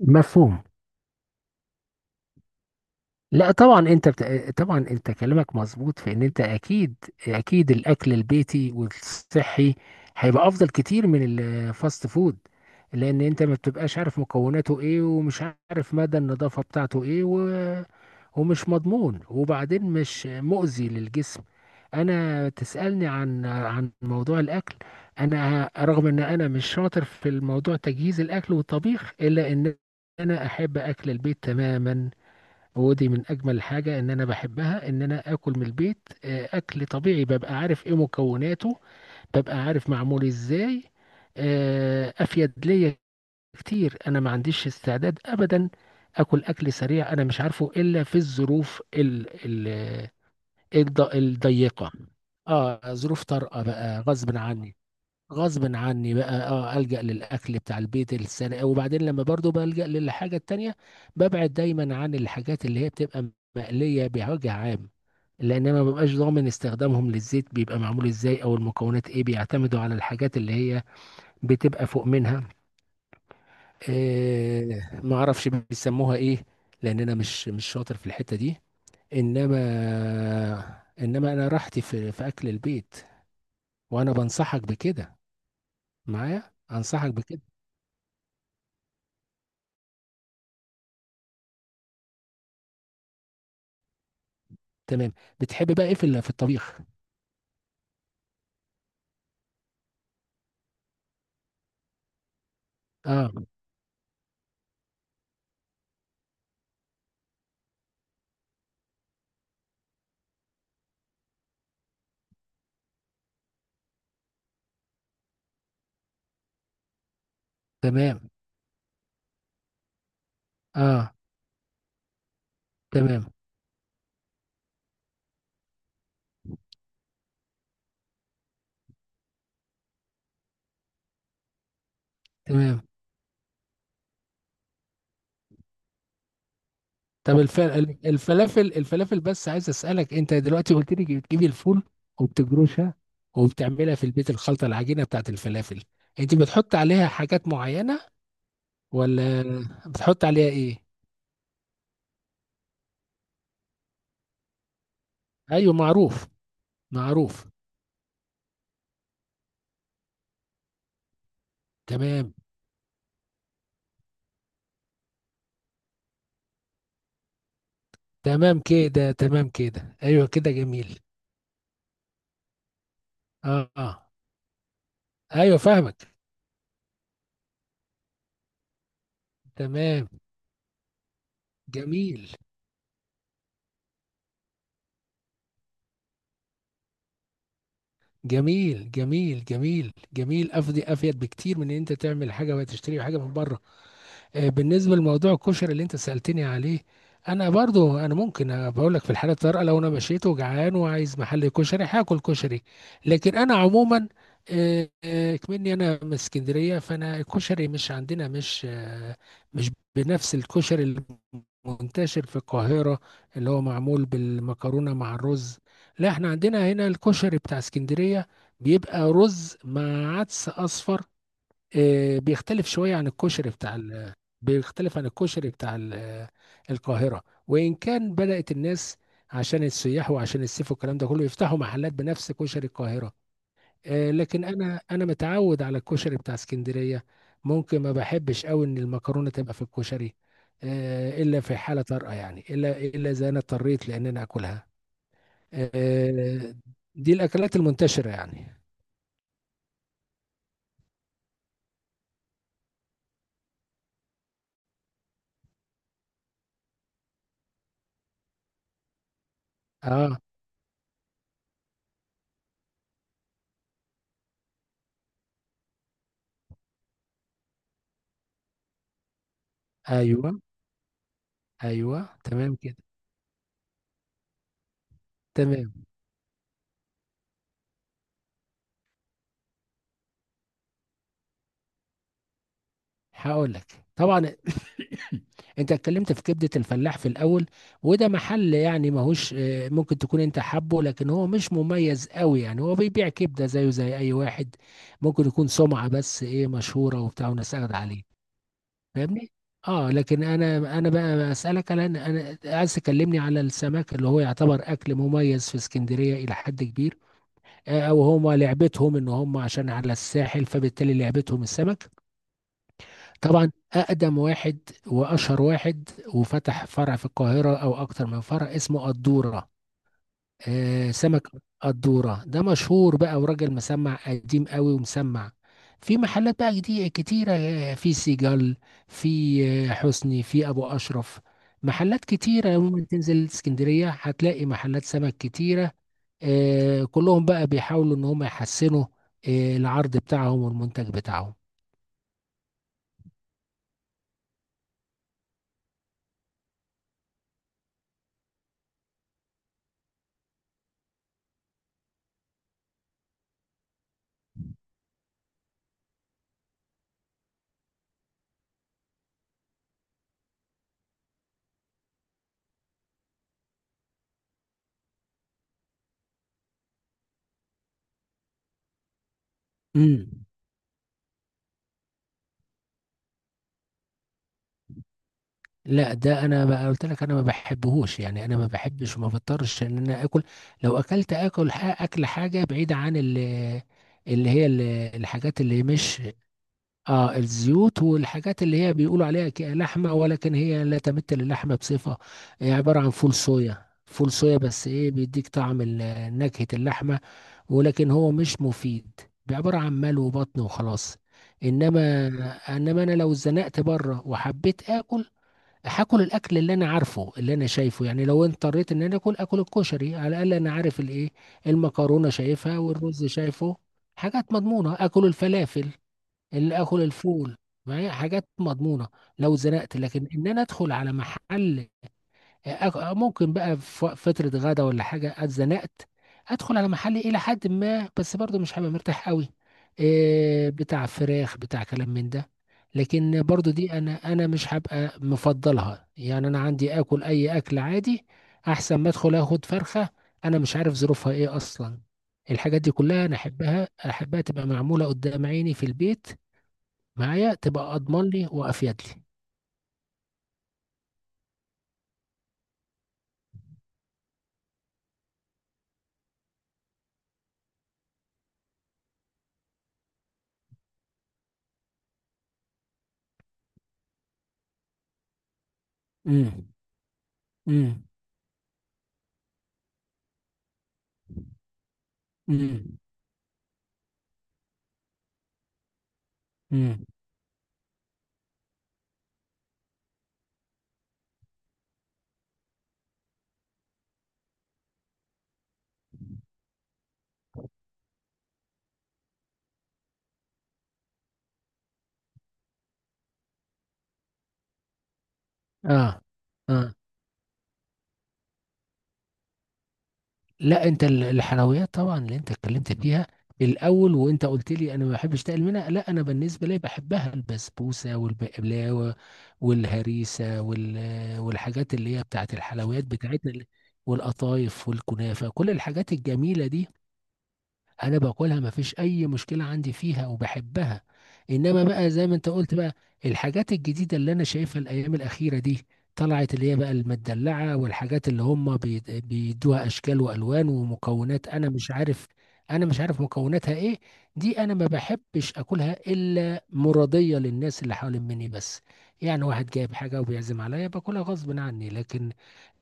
مفهوم. لا، طبعا. انت طبعا انت كلامك مظبوط في ان انت اكيد، اكيد الاكل البيتي والصحي هيبقى افضل كتير من الفاست فود، لان انت ما بتبقاش عارف مكوناته ايه، ومش عارف مدى النظافة بتاعته ايه، ومش مضمون، وبعدين مش مؤذي للجسم. انا تسألني عن موضوع الاكل. انا رغم ان انا مش شاطر في الموضوع تجهيز الاكل والطبيخ، الا ان انا احب اكل البيت تماما. ودي من اجمل الحاجه ان انا بحبها، ان انا اكل من البيت. اكل طبيعي، ببقى عارف ايه مكوناته، ببقى عارف معمول ازاي. افيد ليا كتير. انا ما عنديش استعداد ابدا اكل اكل سريع. انا مش عارفه الا في الظروف الضيقه. اه، ظروف طارئه بقى غصب عني، غصب عني بقى، اه، ألجأ للأكل بتاع البيت السنة. وبعدين لما برضو بلجأ للحاجة التانية، ببعد دايما عن الحاجات اللي هي بتبقى مقلية بوجه عام، لأن أنا ما ببقاش ضامن استخدامهم للزيت، بيبقى معمول إزاي أو المكونات إيه. بيعتمدوا على الحاجات اللي هي بتبقى فوق منها، إيه، ما أعرفش بيسموها إيه، لأن أنا مش شاطر في الحتة دي. إنما، أنا راحتي في أكل البيت، وأنا بنصحك بكده، معايا، أنصحك بكده. تمام. بتحب بقى ايه في الطبيخ؟ اه، تمام. اه، تمام. تمام. طب الفلافل، بس عايز اسالك، انت دلوقتي قلت لي بتجيبي الفول وبتجروشها وبتعملها في البيت الخلطه، العجينه بتاعت الفلافل، انت بتحط عليها حاجات معينه؟ ولا بتحط عليها ايه؟ ايوه، معروف. معروف. تمام. تمام كده. تمام كده، ايوه كده، جميل. اه، اه، ايوه، فاهمك. تمام. جميل، جميل، جميل، جميل، جميل. افضي افيد بكتير من ان انت تعمل حاجه وتشتري حاجه من بره. بالنسبه لموضوع الكشري اللي انت سالتني عليه، انا برضو انا ممكن بقول لك، في الحاله الطارئه لو انا مشيت وجعان وعايز محل كشري هاكل كشري. لكن انا عموما، كمني انا من اسكندريه، فانا الكشري مش عندنا، مش بنفس الكشري المنتشر في القاهره، اللي هو معمول بالمكرونه مع الرز. لا، احنا عندنا هنا الكشري بتاع اسكندريه، بيبقى رز مع عدس اصفر. بيختلف شوية عن الكشري بيختلف عن الكشري بتاع القاهرة، وإن كان بدأت الناس عشان السياح وعشان الصيف والكلام ده كله يفتحوا محلات بنفس كشري القاهرة. لكن أنا متعود على الكشري بتاع اسكندرية. ممكن ما بحبش قوي إن المكرونة تبقى في الكشري، إلا في حالة طارئة يعني، إلا إذا أنا اضطريت لأن أنا آكلها. آه، دي الأكلات المنتشرة يعني. آه، أيوه، أيوه. تمام كده. تمام. هقول لك، طبعا، انت اتكلمت في كبدة الفلاح في الاول، وده محل يعني ماهوش، ممكن تكون انت حبه، لكن هو مش مميز قوي. يعني هو بيبيع كبدة زيه زي اي واحد، ممكن يكون سمعة، بس ايه، مشهورة وبتاع وناس قاعدة عليه. فاهمني؟ اه، لكن انا، بقى اسالك على، انا عايز تكلمني على السمك اللي هو يعتبر اكل مميز في اسكندريه الى حد كبير. او هم لعبتهم ان هم عشان على الساحل فبالتالي لعبتهم السمك. طبعا، اقدم واحد واشهر واحد وفتح فرع في القاهره او اكتر من فرع، اسمه قدوره. سمك قدوره ده مشهور بقى، وراجل مسمع قديم قوي ومسمع. في محلات بقى جديدة كتيرة، في سيجال، في حسني، في أبو أشرف. محلات كتيرة، ممكن تنزل اسكندرية هتلاقي محلات سمك كتيرة. كلهم بقى بيحاولوا إن هم يحسنوا العرض بتاعهم والمنتج بتاعهم. مم. لا، ده انا بقى قلت لك انا ما بحبهوش يعني. انا ما بحبش وما بضطرش ان انا اكل. لو اكلت اكل حاجه بعيده عن اللي هي ال- الحاجات اللي مش، اه، الزيوت، والحاجات اللي هي بيقولوا عليها لحمه، ولكن هي لا تمثل اللحمه بصفه. هي عباره عن فول صويا، فول صويا، بس ايه، بيديك طعم نكهه اللحمه، ولكن هو مش مفيد، عباره عن مال وبطن وخلاص. انما انما انا لو اتزنقت بره وحبيت اكل، هاكل الاكل اللي انا عارفه اللي انا شايفه يعني. لو اضطريت ان انا اكل اكل الكشري، على الاقل انا عارف الايه، المكرونه شايفها والرز شايفه، حاجات مضمونه. اكل الفلافل، اللي اكل الفول، معايا حاجات مضمونه. لو زنقت، لكن ان انا ادخل على محل يعني، ممكن بقى في فترة غدا ولا حاجة اتزنقت، ادخل على محل الى حد ما، بس برضه مش هبقى مرتاح قوي، إيه بتاع فراخ بتاع كلام من ده. لكن برضه دي انا، مش هبقى مفضلها. يعني انا عندي اكل اي اكل عادي احسن ما ادخل اخد فرخة، انا مش عارف ظروفها ايه اصلا. الحاجات دي كلها انا احبها، تبقى معمولة قدام عيني في البيت، معايا، تبقى اضمن لي وافيد لي. امم. امم. امم. امم. اه، اه، لا، انت الحلويات، طبعا اللي انت اتكلمت فيها الاول، وانت قلت لي انا ما بحبش تقل منها. لا، انا بالنسبه لي بحبها، البسبوسه والبقلاوه والهريسه والحاجات اللي هي بتاعت الحلويات بتاعتنا، والقطايف والكنافه، كل الحاجات الجميله دي انا باكلها، مفيش اي مشكله عندي فيها، وبحبها. انما بقى زي ما انت قلت بقى، الحاجات الجديده اللي انا شايفها الايام الاخيره دي، طلعت اللي هي بقى المدلعه والحاجات اللي هم بيدوها اشكال والوان ومكونات، انا مش عارف، انا مش عارف مكوناتها ايه. دي انا ما بحبش اكلها الا مرضيه للناس اللي حوالين مني بس. يعني واحد جايب حاجه وبيعزم عليا باكلها غصب عني، لكن،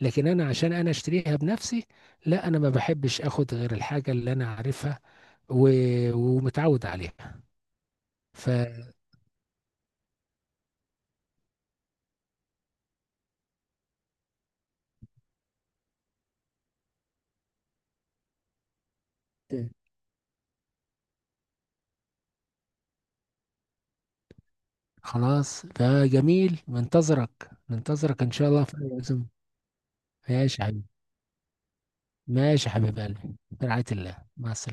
لكن انا عشان انا اشتريها بنفسي، لا، انا ما بحبش اخد غير الحاجه اللي انا عارفها و... ومتعود عليها، فخلاص. اوكي، ده جميل. منتظرك، منتظرك ان شاء الله في أي عزم. ماشي يا حبيبي. ماشي يا حبيب قلبي، برعاية الله، مع السلامة.